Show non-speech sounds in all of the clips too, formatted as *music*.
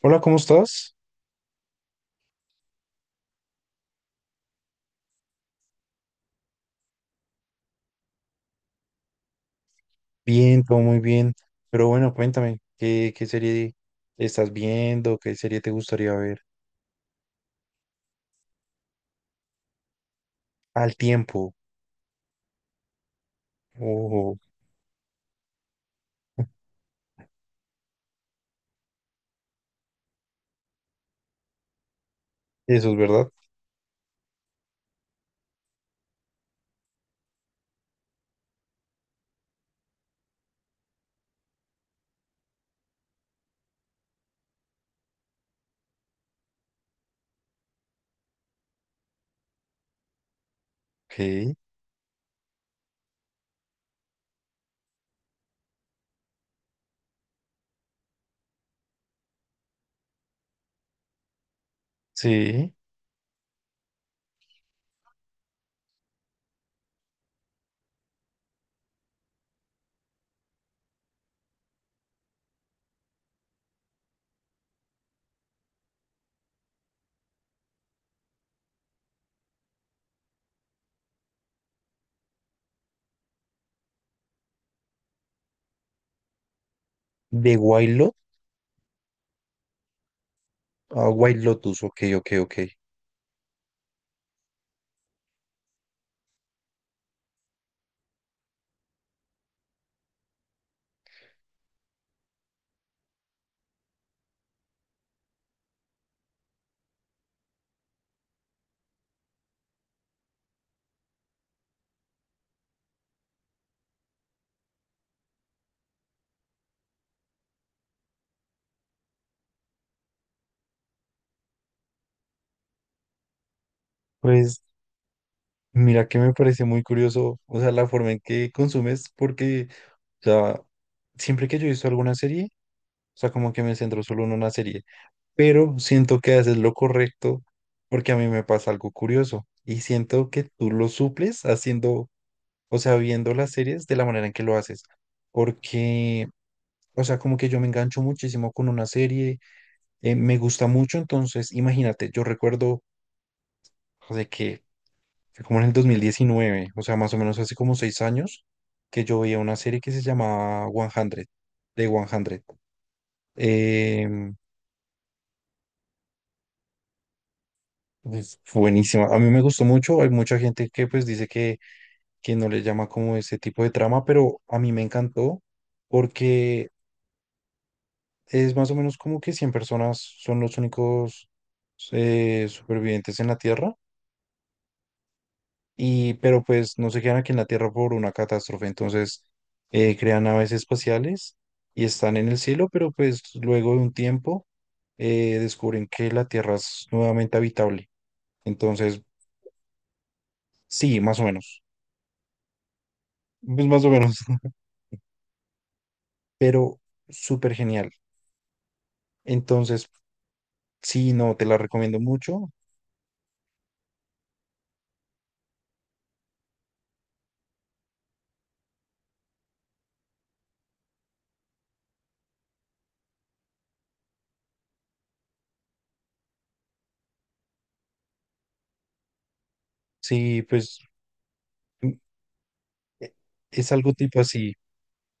Hola, ¿cómo estás? Bien, todo muy bien. Pero bueno, cuéntame, ¿qué serie estás viendo? ¿Qué serie te gustaría ver al tiempo? Ojo, eso es verdad. Ok, sí. ¿De White Lotus? Ah, White Lotus, ok, ok, ok. Pues mira que me parece muy curioso, o sea, la forma en que consumes, porque, o sea, siempre que yo he visto alguna serie, o sea, como que me centro solo en una serie. Pero siento que haces lo correcto, porque a mí me pasa algo curioso y siento que tú lo suples haciendo, o sea, viendo las series de la manera en que lo haces. Porque, o sea, como que yo me engancho muchísimo con una serie, me gusta mucho, entonces, imagínate, yo recuerdo de que, que como en el 2019, o sea, más o menos hace como seis años, que yo veía una serie que se llamaba 100, de 100. Es buenísima. A mí me gustó mucho. Hay mucha gente que pues dice que no le llama como ese tipo de trama, pero a mí me encantó porque es más o menos como que 100 personas son los únicos supervivientes en la Tierra, y, pero pues no se quedan aquí en la Tierra por una catástrofe. Entonces crean naves espaciales y están en el cielo, pero pues luego de un tiempo descubren que la Tierra es nuevamente habitable. Entonces, sí, más o menos. Pues más o menos. Pero súper genial. Entonces, sí, no, te la recomiendo mucho. Sí, pues mm, e- es algo tipo así,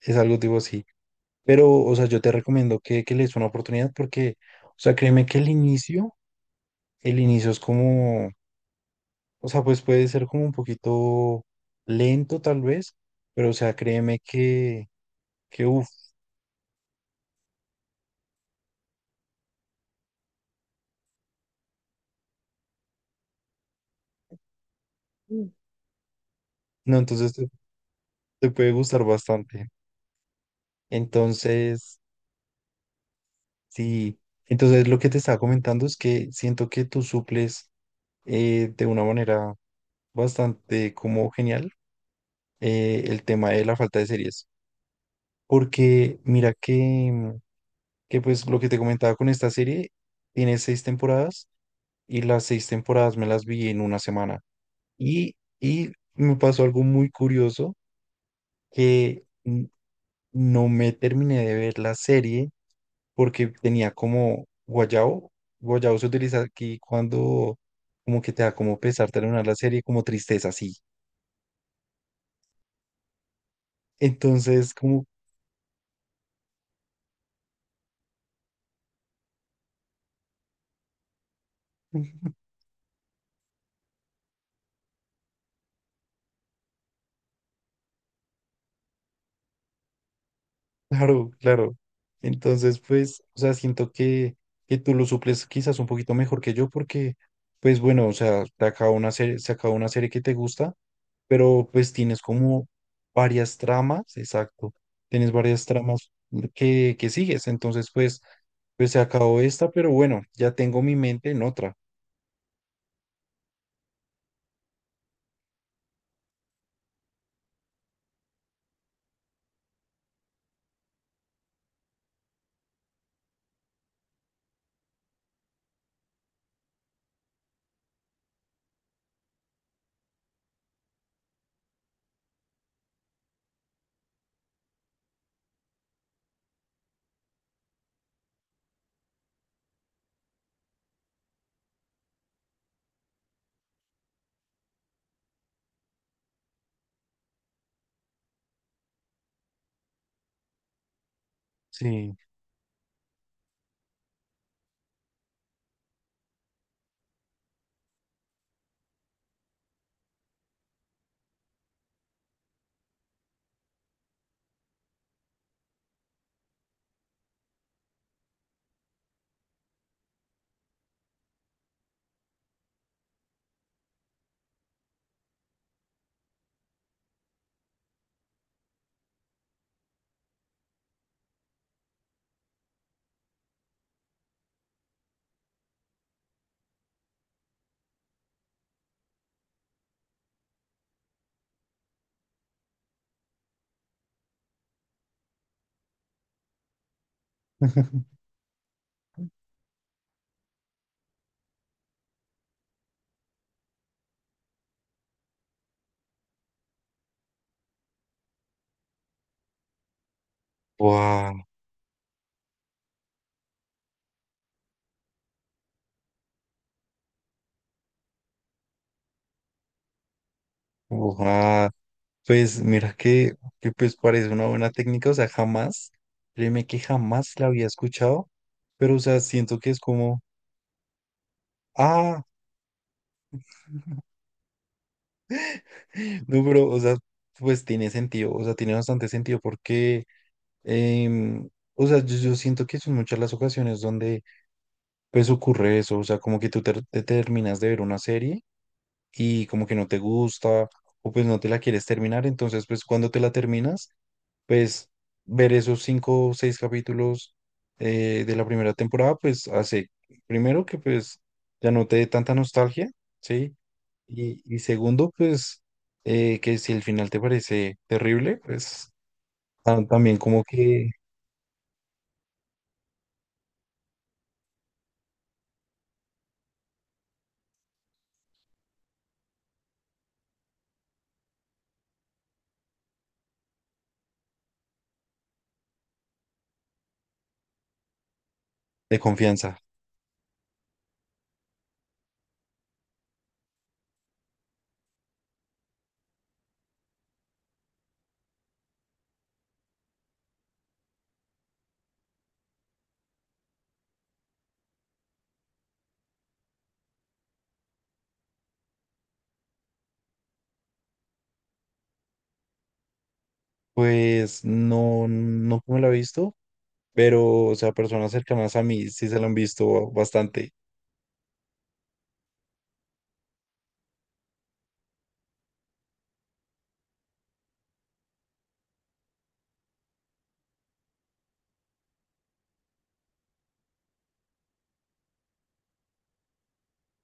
es algo tipo así. Pero, o sea, yo te recomiendo que le des una oportunidad porque, o sea, créeme que el inicio es como, o sea, pues puede ser como un poquito lento tal vez, pero, o sea, créeme que, uff, no, entonces te puede gustar bastante. Entonces... Sí, entonces lo que te estaba comentando es que siento que tú suples, de una manera bastante como genial, el tema de la falta de series, porque mira que, que pues lo que te comentaba con esta serie, tiene seis temporadas y las seis temporadas me las vi en una semana y, y me pasó algo muy curioso que, no me terminé de ver la serie porque tenía como guayabo. Guayabo se utiliza aquí cuando como que te da como pesar terminar la serie, como tristeza, sí. Entonces, como, *laughs* claro, claro. Entonces, pues, o sea, siento que tú lo suples quizás un poquito mejor que yo porque, pues bueno, o sea, te acaba una serie, se acaba una serie que te gusta, pero pues tienes como varias tramas, exacto, tienes varias tramas que sigues, entonces pues, pues se acabó esta, pero bueno, ya tengo mi mente en otra, sí. *laughs* Wow. Pues mira que pues parece una buena técnica, o sea, jamás, créeme que jamás la había escuchado, pero o sea, siento que es como, ah, *laughs* no, pero o sea, pues tiene sentido, o sea, tiene bastante sentido porque Em, o sea, yo siento que son muchas las ocasiones donde pues ocurre eso, o sea, como que te terminas de ver una serie y como que no te gusta o pues no te la quieres terminar, entonces pues cuando te la terminas, pues ver esos cinco o seis capítulos, de la primera temporada, pues hace primero que pues ya no te dé tanta nostalgia, ¿sí? Y segundo, pues que si el final te parece terrible, pues también como que de confianza. Pues no, no me la he visto, pero, o sea, personas cercanas a mí sí se la han visto bastante,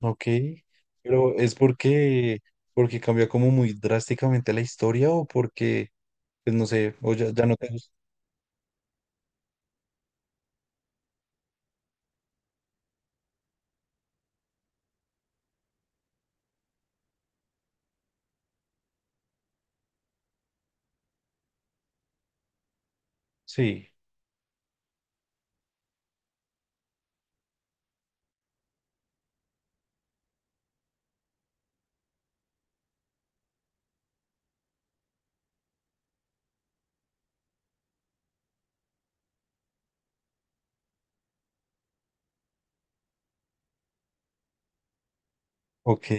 ¿ok? Pero es porque, porque cambia como muy drásticamente la historia o porque, pues no sé, o ya, ya no te gusta. Sí, ok.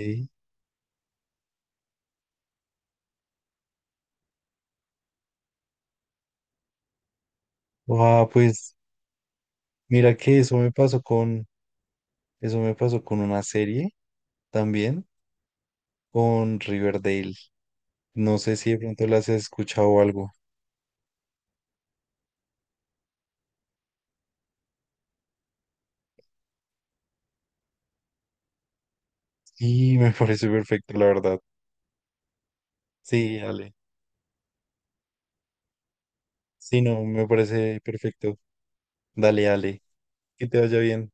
Ah, pues mira que eso me pasó con, eso me pasó con una serie también, con Riverdale. No sé si de pronto las has escuchado o algo. Sí, *laughs* me parece perfecto, la verdad. Sí, dale. Sí, no, me parece perfecto. Dale, dale. Que te vaya bien.